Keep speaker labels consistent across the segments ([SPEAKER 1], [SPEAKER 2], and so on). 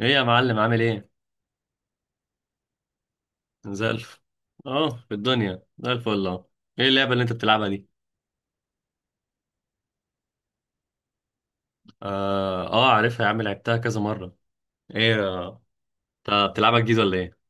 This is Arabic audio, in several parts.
[SPEAKER 1] ايه يا معلم عامل ايه؟ زي الف اه في الدنيا زي الفل ايه اللعبة اللي انت بتلعبها دي؟ اه اه عارفها يا عم، لعبتها كذا مرة. ايه آه، انت بتلعبها جديد ولا ايه؟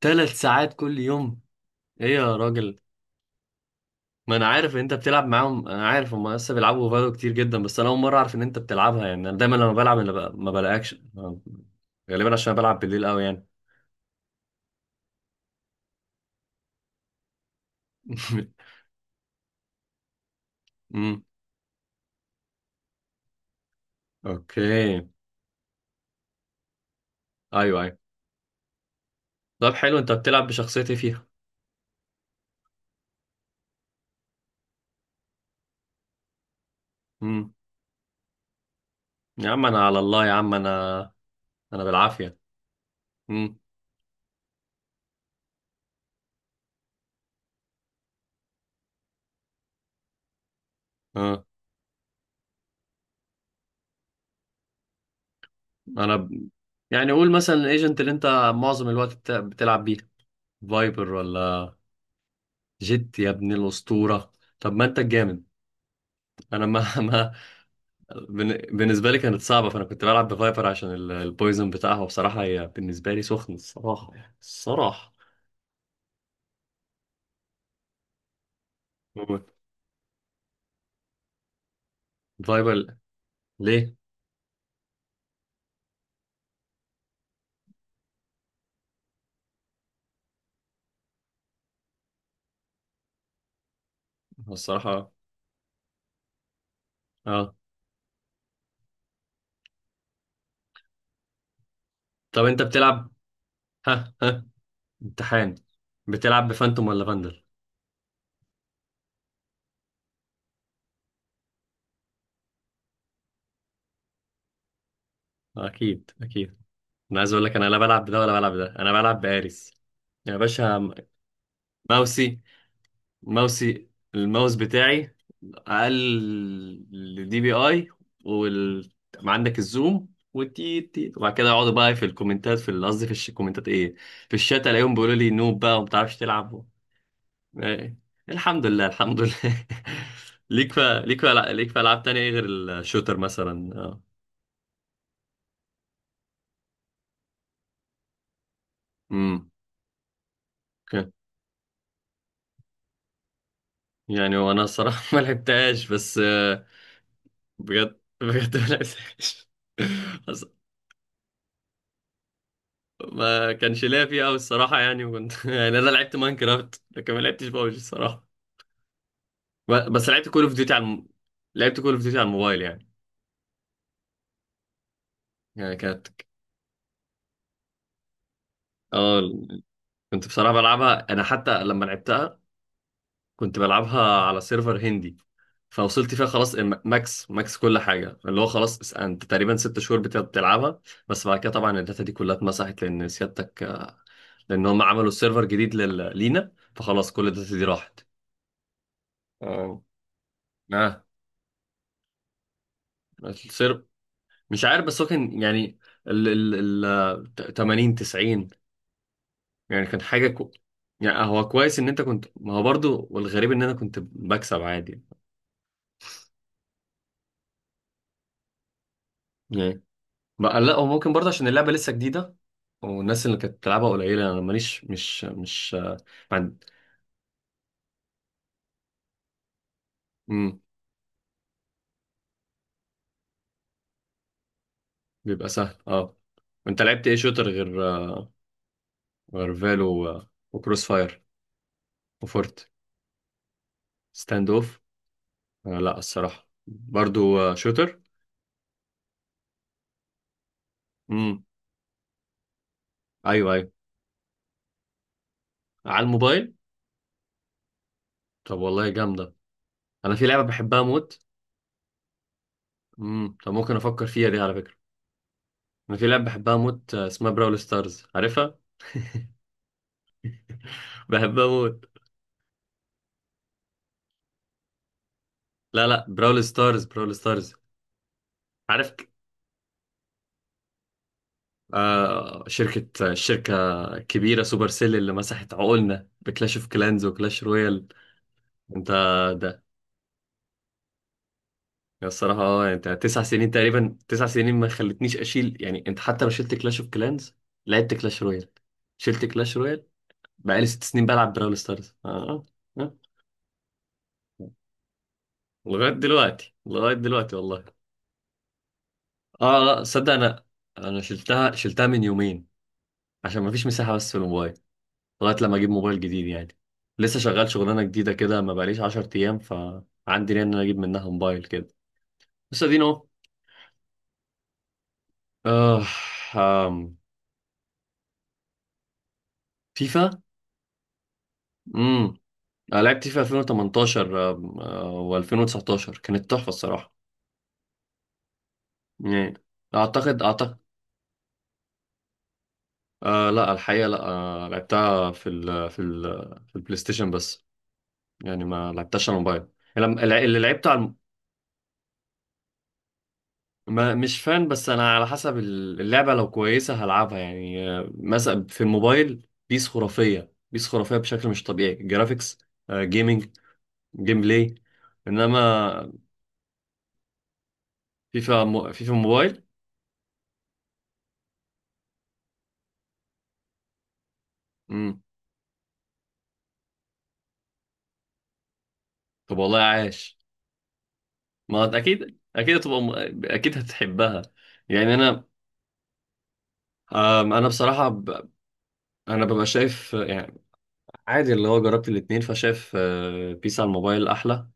[SPEAKER 1] تلات ساعات كل يوم. ايه يا راجل؟ ما انا عارف ان انت بتلعب معاهم، انا عارف هم لسه بيلعبوا فالو كتير جدا، بس انا اول مرة اعرف ان انت بتلعبها، يعني انا دايما لما بلعب ما بلاقيكش غالبا عشان أنا بلعب بالليل قوي يعني. امم. اوكي. ايوه ايوه. طب حلو، انت بتلعب بشخصيتي فيها. امم. يا عم انا على الله يا عم انا، انا بالعافيه. امم. اه. انا ب... يعني قول مثلا الايجنت اللي انت معظم الوقت بتلعب بيه. فايبر ولا؟ جيت يا ابن الاسطوره، طب ما انت الجامد. انا ما ما بالنسبه لي كانت صعبه، فانا كنت بلعب بفايبر عشان البويزن بتاعها، وبصراحه هي بالنسبه لي سخن الصراحه يعني الصراحه. فايبر ليه؟ هو الصراحه اه. طب انت بتلعب، ها ها، امتحان، بتلعب بفانتوم ولا فاندل؟ اكيد اكيد. انا عايز اقول لك انا لا بلعب بده ولا بلعب ده، انا بلعب باريس يا باشا. ماوسي، ماوسي، الماوس بتاعي اقل دي بي اي، وال عندك الزوم والتي تي، وبعد كده يقعدوا بقى في الكومنتات في الكومنتات ايه، في الشات الاقيهم بيقولوا لي نوب بقى وما بتعرفش تلعب. إيه. الحمد لله الحمد لله. ليك في العاب تانية إيه غير الشوتر مثلا؟ اه. امم. أوكي. يعني وانا الصراحه ما لعبتهاش. بس بجد بجد ما لعبتهاش. أص- ما كانش ليا فيها قوي الصراحه يعني، وكنت يعني انا لعبت ماينكرافت، لكن ما لعبتش بابجي الصراحه. بس لعبت كول اوف ديوتي لعبت كول اوف ديوتي على الموبايل يعني. يعني كانت، اه، كنت بصراحه بلعبها انا، حتى لما لعبتها كنت بلعبها على سيرفر هندي، فوصلت فيها خلاص ماكس ماكس كل حاجه، اللي هو خلاص انت تقريبا ست شهور بتلعبها. بس بعد كده طبعا الداتا دي كلها اتمسحت لان سيادتك، لان هم عملوا سيرفر جديد لينا، فخلاص كل الداتا دي راحت. اه. اه. السيرفر مش عارف، بس هو كان يعني ال 80 90. يعني كان حاجه يعني هو كويس ان انت كنت، ما هو برضو والغريب ان انا كنت بكسب عادي يعني. بقى لا، هو ممكن برضه عشان اللعبه لسه جديده، والناس اللي كانت بتلعبها قليله، انا ماليش مش مش آه، عند. امم. بيبقى سهل اه. انت لعبت ايه شوتر غير فالو وكروس فاير وفورت ستاند اوف لا الصراحة برضو شوتر. امم. ايوه ايوه. على الموبايل. طب والله جامدة. انا في لعبة بحبها موت. امم. طب ممكن افكر فيها دي على فكرة. انا في لعبة بحبها موت اسمها براول ستارز، عارفها؟ بحبها موت. لا لا، براول ستارز، براول ستارز. عارف ك- آه شركة شركة كبيرة، سوبر سيل، اللي مسحت عقولنا بكلاش اوف كلانز وكلاش رويال. انت ده. يا الصراحة اه، يعني انت تسع سنين تقريبا، تسع سنين ما خلتنيش اشيل، يعني انت حتى لو شلت كلاش اوف كلانز، لعبت كلاش رويال، شلت كلاش رويال. بقالي ست سنين بلعب براول ستارز اه. اه آه. لغاية دلوقتي، لغاية دلوقتي والله. اه لا صدق انا، انا شلتها شلتها من يومين عشان ما فيش مساحة بس في الموبايل، لغاية لما اجيب موبايل جديد يعني. لسه شغال شغلانة جديدة كده، ما بقاليش 10 ايام، فعندي نية ان انا اجيب منها موبايل كده. بس ادينا اهو. اه. آم، فيفا. أنا لعبت في 2018 و2019، كانت تحفة الصراحة. يعني أعتقد أعتقد لا الحقيقة لا لعبتها في البلاي ستيشن بس، يعني ما لعبتهاش على الموبايل. يعني اللي لعبته على الم- ما مش فان، بس أنا على حسب اللعبة، لو كويسة هلعبها يعني مثلا في الموبايل بيس خرافية، بيس خرافية بشكل مش طبيعي، جرافيكس جيمنج، جيم بلاي. إنما فيفا فيفا موبايل. مم. طب والله عاش. ما اكيد اكيد هتبقى اكيد هتحبها. يعني انا، آم، انا بصراحه انا ببقى شايف يعني عادي، اللي هو جربت الاتنين، فشايف بيس على الموبايل احلى.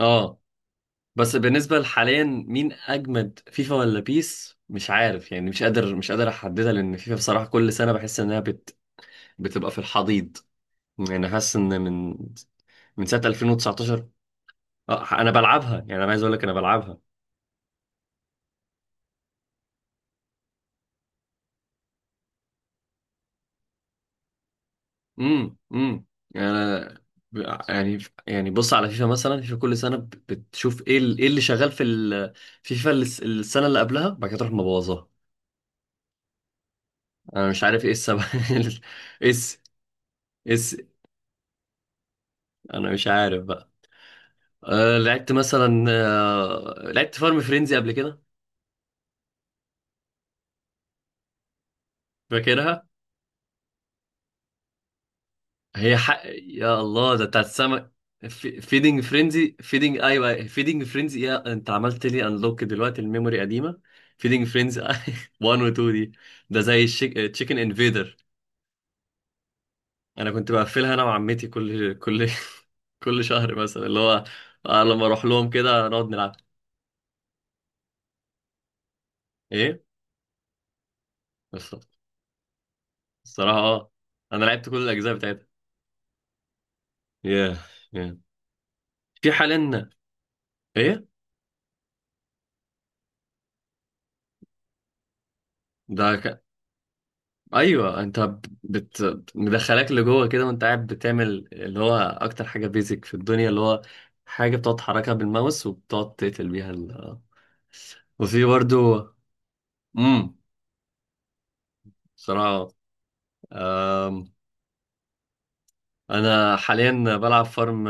[SPEAKER 1] اه. بس بالنسبه لحاليا مين اجمد، فيفا ولا بيس؟ مش عارف يعني، مش قادر مش قادر احددها، لان فيفا بصراحه كل سنه بحس انها بتبقى في الحضيض. يعني حاسس ان من سنه 2019 اه انا بلعبها، يعني انا عايز اقول لك انا بلعبها. يعني. أنا- يعني يعني بص على فيفا مثلا، فيفا كل سنه بتشوف ايه ايه اللي شغال في فيفا السنه اللي قبلها، بعد كده تروح مبوظاها. انا مش عارف ايه السبب. اس اس انا مش عارف بقى. أه لعبت مثلا، أه لعبت فارم فرينزي قبل كده. فاكرها، هي حق يا الله ده بتاعت السمك. فيدنج فرينزي، فيدنج ايوه فيدنج فرينزي، يا انت عملت لي انلوك دلوقتي، الميموري قديمه. فيدنج فرينزي 1 و 2 دي، ده زي تشيكن انفيدر. انا كنت بقفلها انا وعمتي كل كل شهر مثلا، اللي هو لما اروح لهم كده نقعد نلعب. ايه بس. الصراحه اه، انا لعبت كل الاجزاء بتاعتها. ياه، ياه. في حاليا ايه ده. ايوه انت مدخلاك لجوه كده وانت قاعد بتعمل اللي هو اكتر حاجه بيزك في الدنيا، اللي هو حاجه بتقعد تحركها بالماوس، وبتقعد تقتل بيها وفي برضو. امم. صراحه. أم... انا حاليا بلعب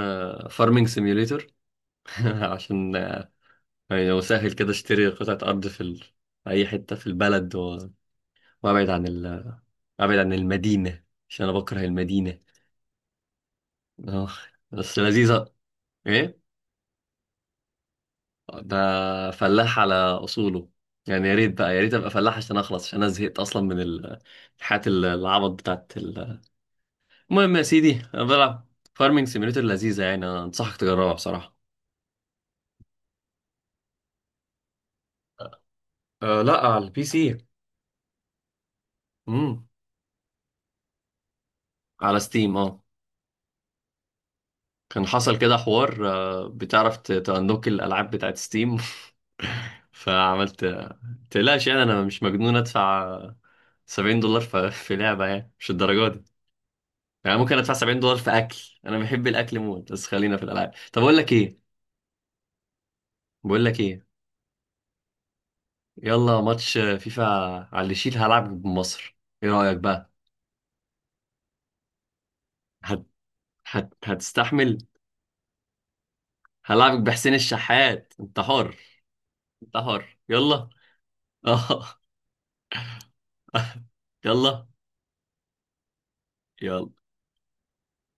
[SPEAKER 1] فارمنج سيميوليتور عشان يعني لو سهل كده اشتري قطعه ارض في اي حته في البلد وابعد عن ابعد عن المدينه عشان انا بكره المدينه. اه بس لذيذه. ايه ده. فلاح على اصوله، يعني يا ريت بقى، يا ريت ابقى فلاح عشان اخلص، عشان انا زهقت اصلا من الحياة العبط بتاعت المهم يا سيدي، انا بلعب فارمنج سيميوليتر لذيذة، يعني أنا انصحك تجربها بصراحة. لا على البي سي. امم. على ستيم اه. كان حصل كده حوار بتعرف تأنلوك الالعاب بتاعت ستيم فعملت. تقلقش، يعني انا مش مجنون ادفع $70 في لعبة يعني، مش الدرجات، يعني ممكن ادفع $70 في اكل، انا بحب الاكل موت، بس خلينا في الالعاب. طب اقول لك ايه، بقول لك ايه، يلا ماتش فيفا، على اللي يشيل، هلعب بمصر، ايه رايك بقى؟ هت... هتستحمل؟ هلعبك بحسين الشحات، انت حر. انت حر، يلا. اه. يلا يلا.